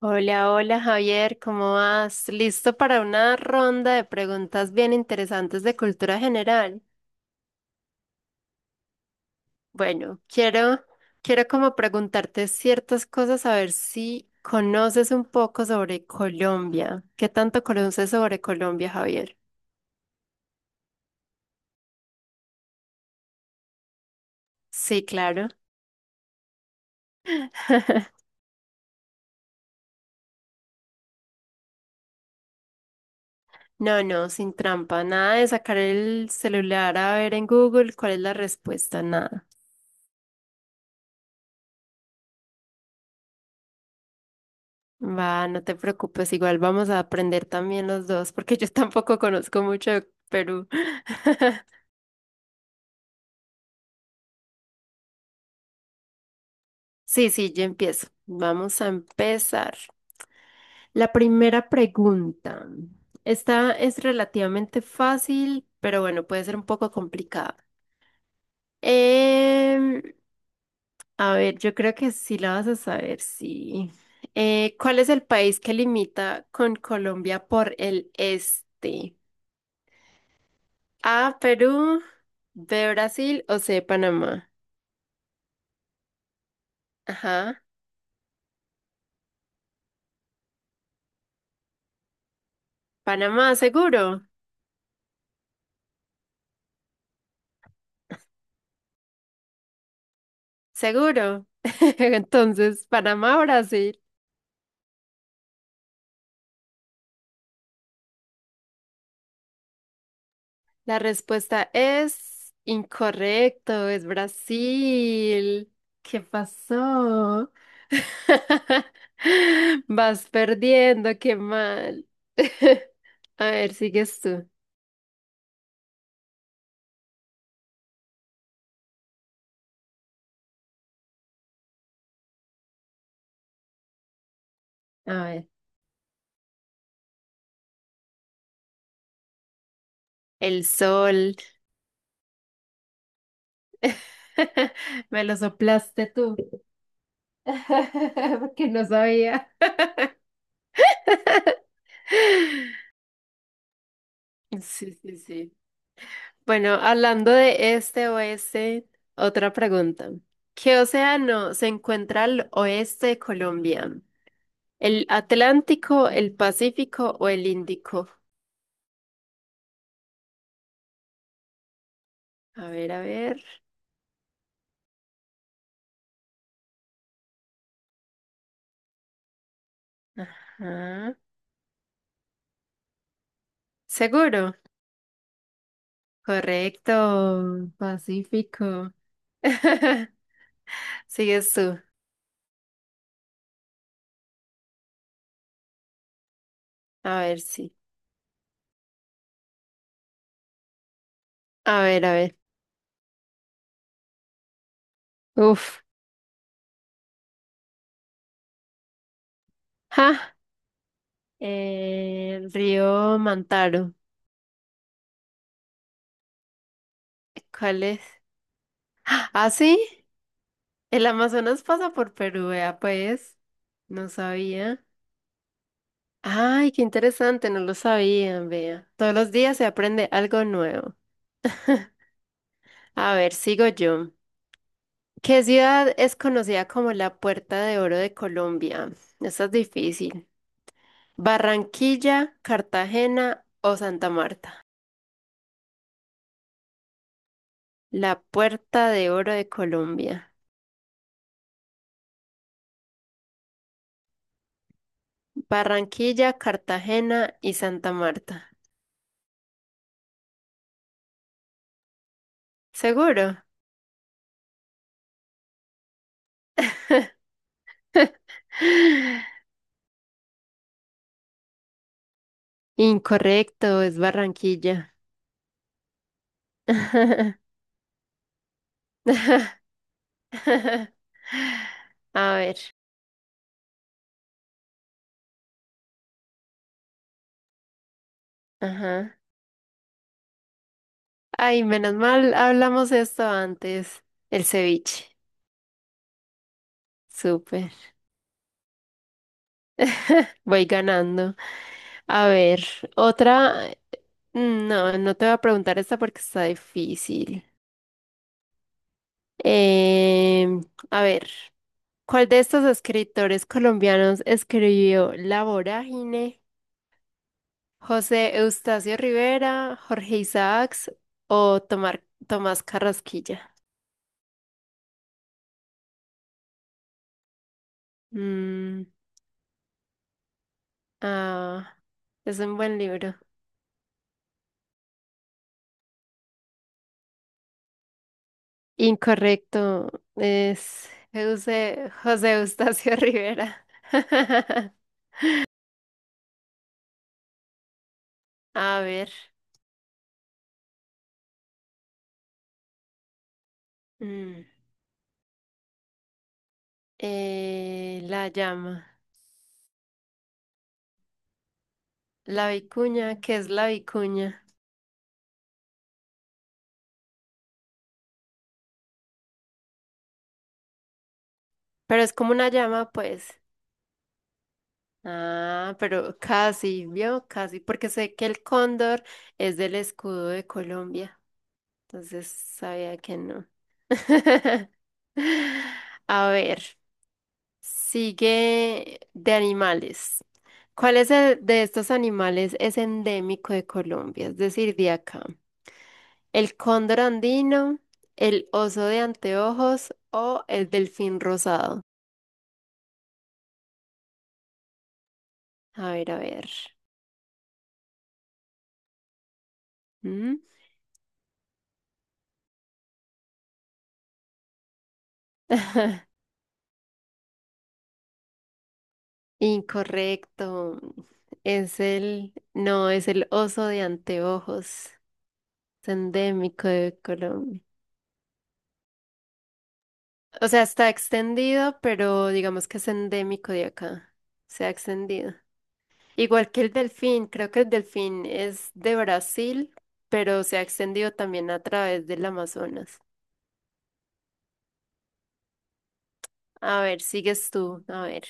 Hola, hola Javier, ¿cómo vas? ¿Listo para una ronda de preguntas bien interesantes de cultura general? Bueno, quiero como preguntarte ciertas cosas, a ver si conoces un poco sobre Colombia. ¿Qué tanto conoces sobre Colombia, Javier? Sí, claro. No, no, sin trampa, nada de sacar el celular a ver en Google cuál es la respuesta, nada. Va, no te preocupes, igual vamos a aprender también los dos, porque yo tampoco conozco mucho de Perú. Sí, sí, yo empiezo. Vamos a empezar. La primera pregunta. Esta es relativamente fácil, pero bueno, puede ser un poco complicada. Em, a ver, yo creo que sí la vas a saber, sí. ¿Cuál es el país que limita con Colombia por el este? A, Perú, B, Brasil o C, Panamá. Ajá. Panamá, seguro, seguro. Entonces, Panamá, Brasil. La respuesta es incorrecto, es Brasil. ¿Qué pasó? Vas perdiendo, qué mal. A ver, sigues tú. A ver, el sol. Me lo soplaste tú. Porque no sabía. Sí, sí, sí. Bueno, hablando de este oeste, otra pregunta. ¿Qué océano se encuentra al oeste de Colombia? ¿El Atlántico, el Pacífico o el Índico? A ver, a ver. Ajá. ¿Seguro? Correcto, Pacífico. Sigues tú. A ver, sí. A ver, a ver. Uf. Ja. El río Mantaro. ¿Cuál es? ¿Ah, sí? El Amazonas pasa por Perú, vea, pues. No sabía. Ay, qué interesante, no lo sabían, vea. Todos los días se aprende algo nuevo. A ver, sigo yo. ¿Qué ciudad es conocida como la Puerta de Oro de Colombia? Esta es difícil. ¿Barranquilla, Cartagena o Santa Marta? La Puerta de Oro de Colombia. Barranquilla, Cartagena y Santa Marta. ¿Seguro? Incorrecto, es Barranquilla. A ver. Ajá. Ay, menos mal hablamos esto antes. El ceviche. Súper. Voy ganando. A ver, otra. No, no te voy a preguntar esta porque está difícil. Em, a ver, ¿cuál de estos escritores colombianos escribió La Vorágine? José Eustacio Rivera, Jorge Isaacs o Tomás Carrasquilla. Mm, ah, es un buen libro. Incorrecto, es José Eustacio Rivera. A ver, mm, la llama, la vicuña, ¿qué es la vicuña? Pero es como una llama, pues. Ah, pero casi, vio, casi, porque sé que el cóndor es del escudo de Colombia. Entonces sabía que no. A ver, sigue de animales. ¿Cuál es el de estos animales es endémico de Colombia? Es decir, de acá. ¿El cóndor andino, el oso de anteojos o el delfín rosado? A ver, a ver. ¿Mm? Incorrecto. Es el, no, es el oso de anteojos. Es endémico de Colombia. O sea, está extendido, pero digamos que es endémico de acá. Se ha extendido. Igual que el delfín, creo que el delfín es de Brasil, pero se ha extendido también a través del Amazonas. A ver, sigues tú. A ver,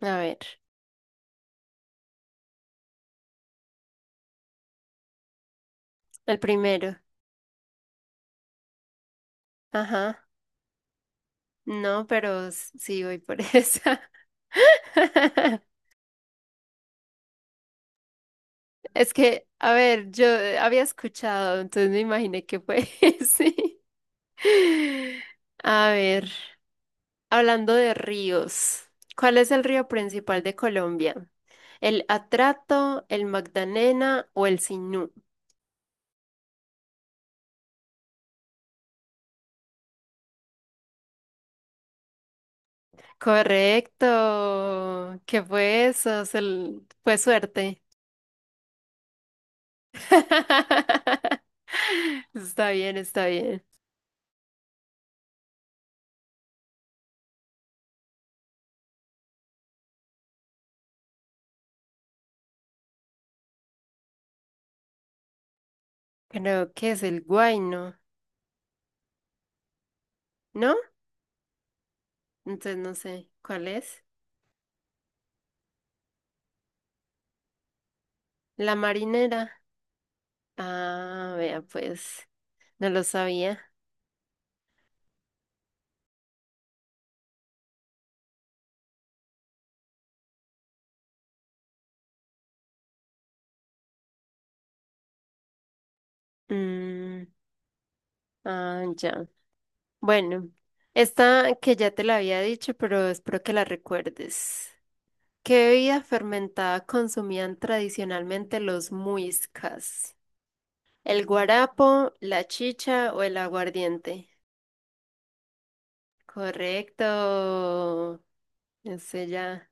a ver. El primero. Ajá. No, pero sí voy por esa. Es que, a ver, yo había escuchado, entonces me imaginé que fue sí. A ver. Hablando de ríos, ¿cuál es el río principal de Colombia? ¿El Atrato, el Magdalena o el Sinú? Correcto. ¿Qué fue eso? Fue suerte. Está bien, está bien. Creo que es el Guayno, ¿no? Entonces no sé, ¿cuál es? La marinera. Ah, vea, pues, no lo sabía. Mm, ya. Bueno, esta que ya te la había dicho, pero espero que la recuerdes. ¿Qué bebida fermentada consumían tradicionalmente los muiscas? ¿El guarapo, la chicha o el aguardiente? Correcto. Ese ya.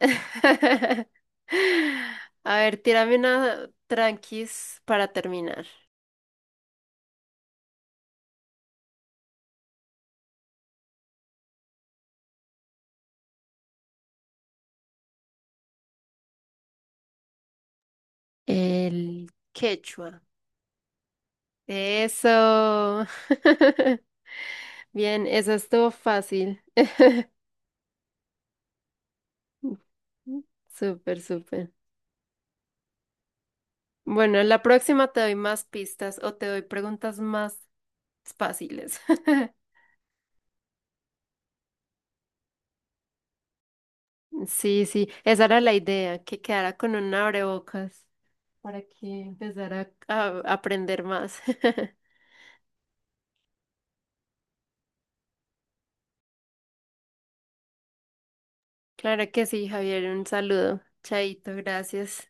A ver, tírame una tranquis para terminar. El quechua. Eso. Bien, eso estuvo fácil. Ujú. Súper, súper. Bueno, la próxima te doy más pistas o te doy preguntas más fáciles. Sí, sí, esa era la idea, que quedara con un abrebocas para que empezara a aprender más. Claro que sí, Javier, un saludo. Chaito, gracias.